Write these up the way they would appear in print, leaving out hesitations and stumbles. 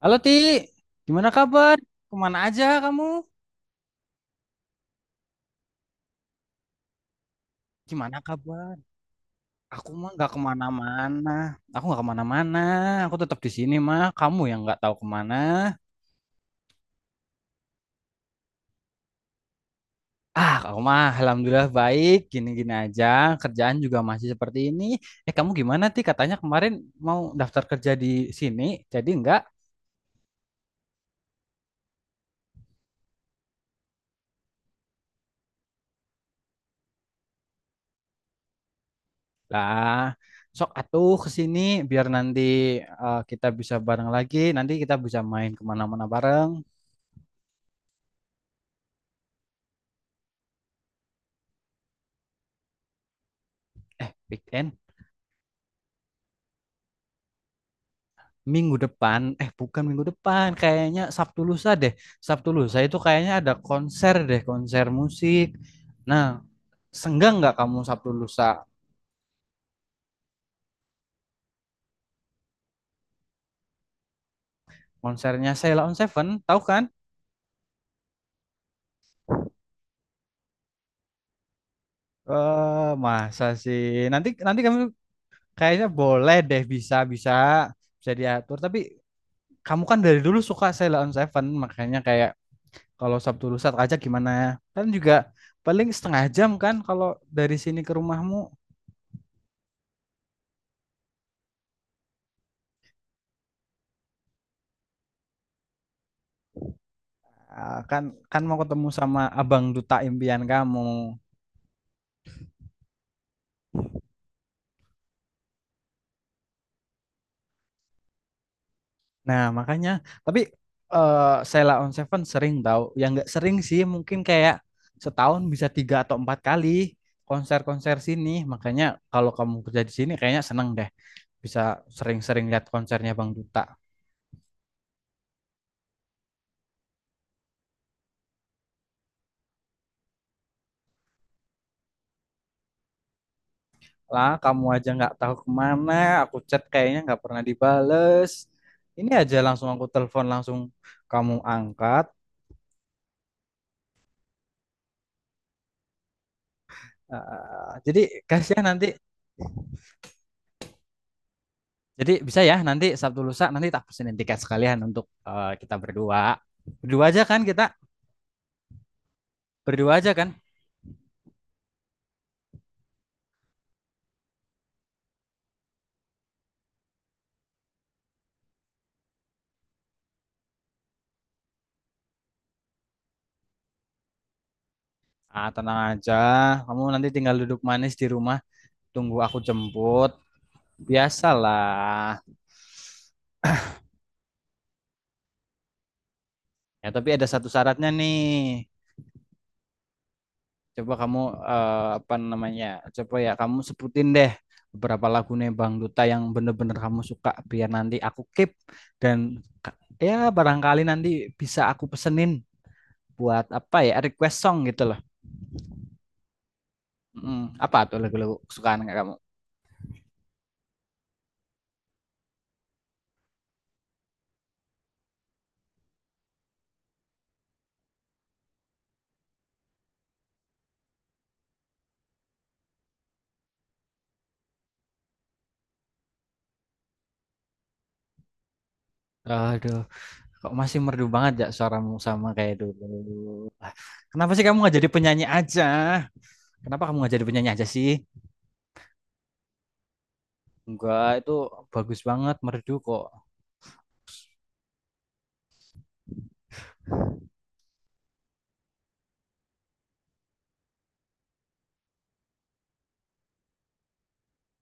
Halo Ti, gimana kabar? Kemana aja kamu? Gimana kabar? Aku mah nggak kemana-mana. Aku nggak kemana-mana. Aku tetap di sini mah. Kamu yang nggak tahu kemana. Ah, aku mah alhamdulillah baik. Gini-gini aja. Kerjaan juga masih seperti ini. Eh, kamu gimana Ti? Katanya kemarin mau daftar kerja di sini. Jadi nggak lah. Sok atuh ke sini biar nanti kita bisa bareng lagi. Nanti kita bisa main kemana-mana bareng. Eh, Big weekend. Minggu depan, eh bukan minggu depan, kayaknya Sabtu lusa deh. Sabtu lusa itu kayaknya ada konser deh, konser musik. Nah, senggang nggak kamu Sabtu lusa konsernya Sheila on Seven, tahu kan? Eh, masa sih? Nanti nanti kamu kayaknya boleh deh bisa bisa bisa diatur. Tapi kamu kan dari dulu suka Sheila on Seven, makanya kayak kalau Sabtu lusa aja gimana? Ya? Kan juga paling setengah jam kan kalau dari sini ke rumahmu. Ah, kan kan mau ketemu sama abang duta impian kamu. Nah, makanya tapi eh Sheila on Seven sering tahu. Yang nggak sering sih mungkin kayak setahun bisa tiga atau empat kali konser-konser sini. Makanya kalau kamu kerja di sini kayaknya seneng deh bisa sering-sering lihat konsernya Bang Duta. Lah, kamu aja nggak tahu kemana, aku chat kayaknya nggak pernah dibales. Ini aja langsung aku telepon langsung kamu angkat. Eh, jadi kasihan nanti. Jadi bisa ya nanti Sabtu lusa nanti tak pesenin tiket sekalian untuk kita berdua. Berdua aja kan kita? Berdua aja kan? Ah, tenang aja. Kamu nanti tinggal duduk manis di rumah, tunggu aku jemput. Biasalah. Ya, tapi ada satu syaratnya nih. Coba kamu apa namanya? Coba ya kamu sebutin deh beberapa lagu nih Bang Duta yang bener-bener kamu suka biar nanti aku keep dan ya barangkali nanti bisa aku pesenin buat apa ya request song gitu loh. Mm, apa tuh lagu-lagu kesukaan nggak kamu? Aduh, kok masih merdu banget ya suaramu sama kayak dulu. Ah, kenapa sih kamu nggak jadi penyanyi aja? Kenapa kamu nggak jadi penyanyi aja sih? Enggak, itu bagus banget merdu kok.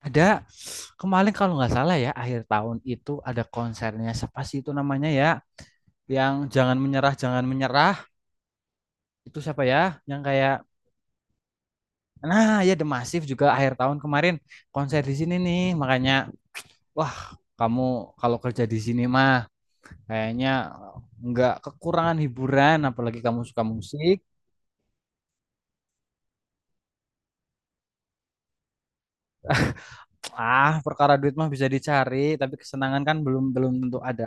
Ada kemarin kalau nggak salah ya akhir tahun itu ada konsernya siapa sih itu namanya ya? Yang jangan menyerah, jangan menyerah itu siapa ya? Yang kayak. Nah, ya The Massive juga akhir tahun kemarin konser di sini nih. Makanya wah kamu kalau kerja di sini mah kayaknya nggak kekurangan hiburan, apalagi kamu suka musik. Ah, perkara duit mah bisa dicari, tapi kesenangan kan belum belum tentu ada.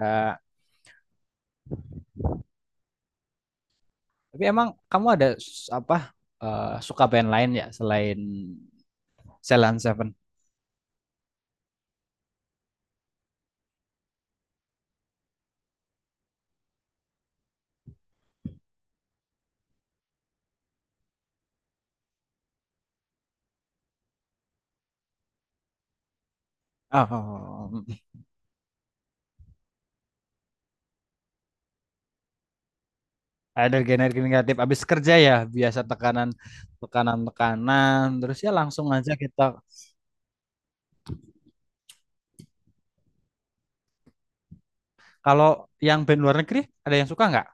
Tapi emang kamu ada apa suka band lain ya selain Celan Seven? Oh, ada energi negatif. Abis kerja ya biasa tekanan tekanan tekanan. Terus ya langsung aja kita. Kalau yang band luar negeri ada yang suka nggak?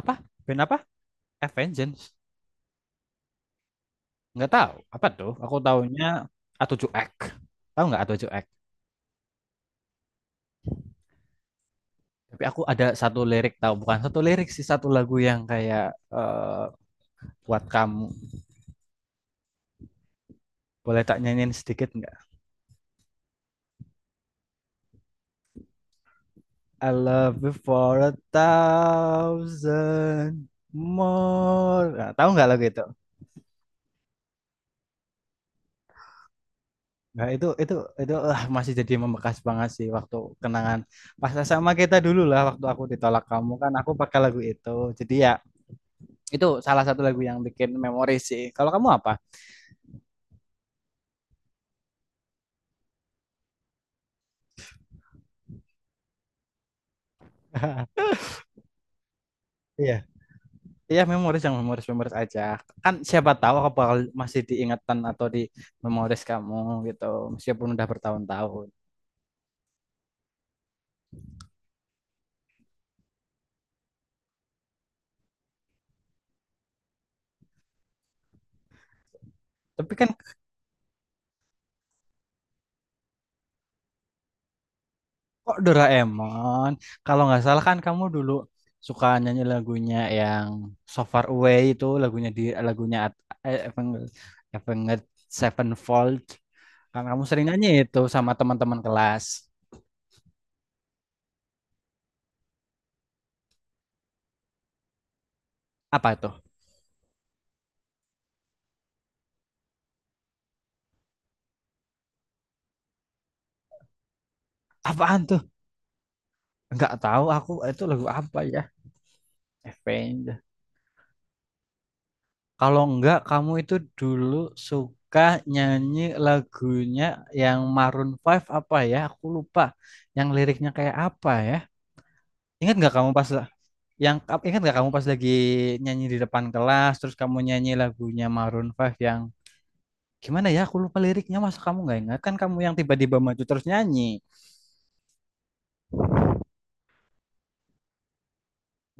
Apa band apa? Avengers. Nggak tahu. Apa tuh? Aku taunya A7X. Tahu nggak A7X? Tapi aku ada satu lirik tahu, bukan satu lirik sih, satu lagu yang kayak eh, buat kamu. Boleh tak nyanyiin sedikit nggak? I love you for a thousand more. Nah, tahu nggak lagu itu? Nah, itu itu ah, masih jadi membekas banget sih waktu kenangan pas sama kita dulu lah waktu aku ditolak kamu kan aku pakai lagu itu. Jadi ya itu salah satu lagu yang bikin memori sih. Kalau kamu apa? Iya, iya memoris yang memoris memoris aja. Kan siapa tahu aku bakal masih diingatan atau di memoris kamu gitu, meskipun udah bertahun-tahun. Tapi kan kok Doraemon, kalau nggak salah kan kamu dulu suka nyanyi lagunya yang So Far Away itu lagunya di lagunya At- eh, Avenged Avenged Sevenfold. Kan kamu sering nyanyi itu sama teman-teman kelas. Apa itu? Apaan tuh? Nggak tahu aku itu lagu apa ya? Avenged. Kalau enggak, kamu itu dulu suka nyanyi lagunya yang Maroon Five apa ya? Aku lupa. Yang liriknya kayak apa ya? Ingat nggak kamu pas yang Ingat nggak kamu pas lagi nyanyi di depan kelas, terus kamu nyanyi lagunya Maroon Five yang gimana ya? Aku lupa liriknya. Masa kamu nggak ingat? Kan kamu yang tiba-tiba maju terus nyanyi.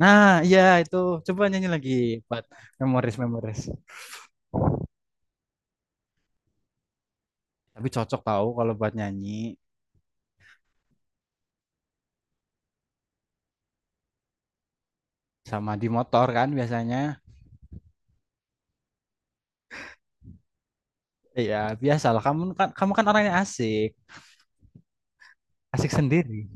Nah, iya itu. Coba nyanyi lagi buat memoris-memoris. Tapi cocok tahu kalau buat nyanyi sama di motor kan biasanya. Iya, biasalah. Kamu kan orangnya asik, asik sendiri.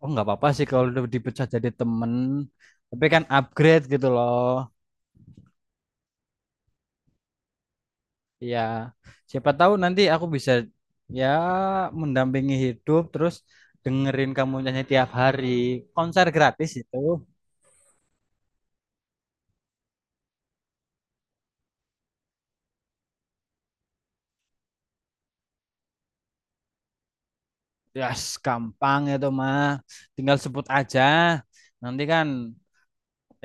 Oh, nggak apa-apa sih kalau udah dipecah jadi temen. Tapi kan upgrade gitu loh. Iya. Siapa tahu nanti aku bisa ya mendampingi hidup terus dengerin kamu nyanyi tiap hari. Konser gratis itu. Yes, gampang itu mah. Tinggal sebut aja. Nanti kan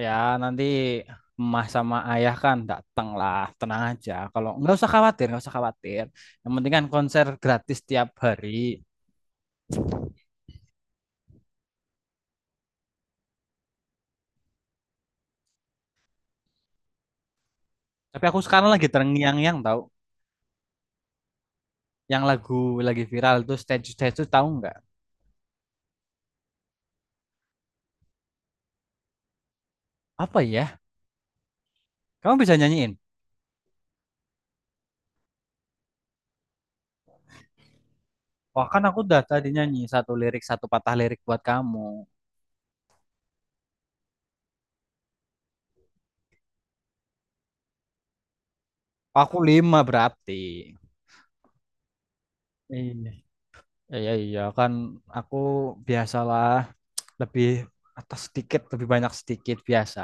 ya, nanti emas sama ayah kan datang lah, tenang aja. Kalau nggak usah khawatir, nggak usah khawatir. Yang penting kan konser gratis tiap hari. Tapi aku sekarang lagi terngiang-ngiang tahu, yang lagu lagi viral itu stage stage itu tahu nggak? Apa ya? Kamu bisa nyanyiin? Wah kan aku udah tadi nyanyi satu lirik satu patah lirik buat kamu. Aku lima berarti. Iya, iya, iya kan aku biasalah lebih atas sedikit lebih banyak sedikit biasa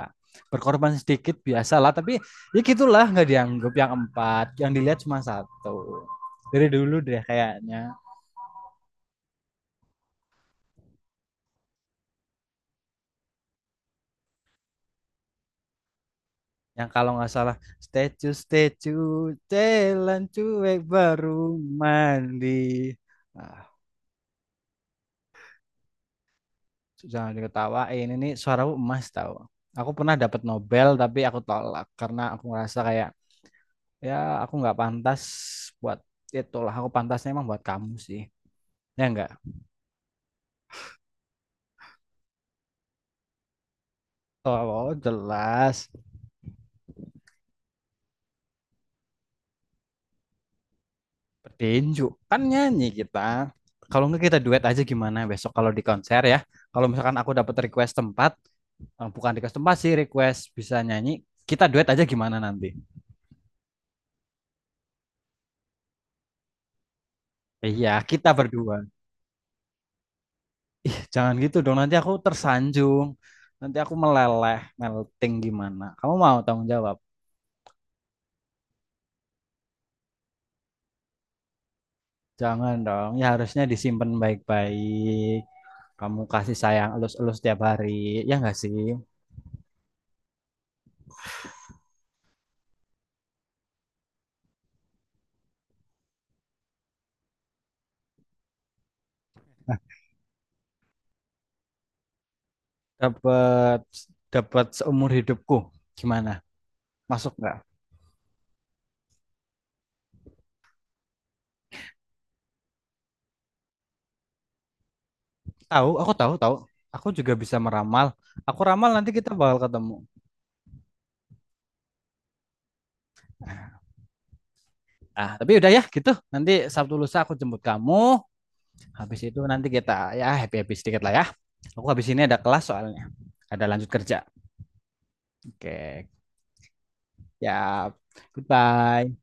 berkorban sedikit biasalah tapi ya gitulah nggak dianggap yang empat yang dilihat cuma satu dari dulu deh kayaknya yang kalau nggak salah statue statue jalan cuek baru mandi ah, jangan diketawain ini suara emas tahu aku pernah dapat Nobel tapi aku tolak karena aku ngerasa kayak ya aku nggak pantas buat itulah aku pantasnya emang buat kamu sih ya enggak. Oh, jelas. Petinju. Kan nyanyi kita. Kalau nggak kita duet aja gimana besok kalau di konser ya. Kalau misalkan aku dapat request tempat, bukan request tempat sih, request bisa nyanyi, kita duet aja gimana nanti? Iya, kita berdua. Ih, jangan gitu dong, nanti aku tersanjung. Nanti aku meleleh, melting gimana. Kamu mau tanggung jawab? Jangan dong, ya harusnya disimpan baik-baik. Kamu kasih sayang elus-elus tiap hari, ya nggak sih? Dapat dapat seumur hidupku. Gimana? Masuk nggak? Tahu, aku tahu, tahu. Aku juga bisa meramal. Aku ramal nanti kita bakal ketemu. Ah, tapi udah ya gitu. Nanti Sabtu lusa aku jemput kamu. Habis itu nanti kita ya happy-happy sedikit lah ya. Aku habis ini ada kelas soalnya. Ada lanjut kerja. Oke. Ya. Goodbye.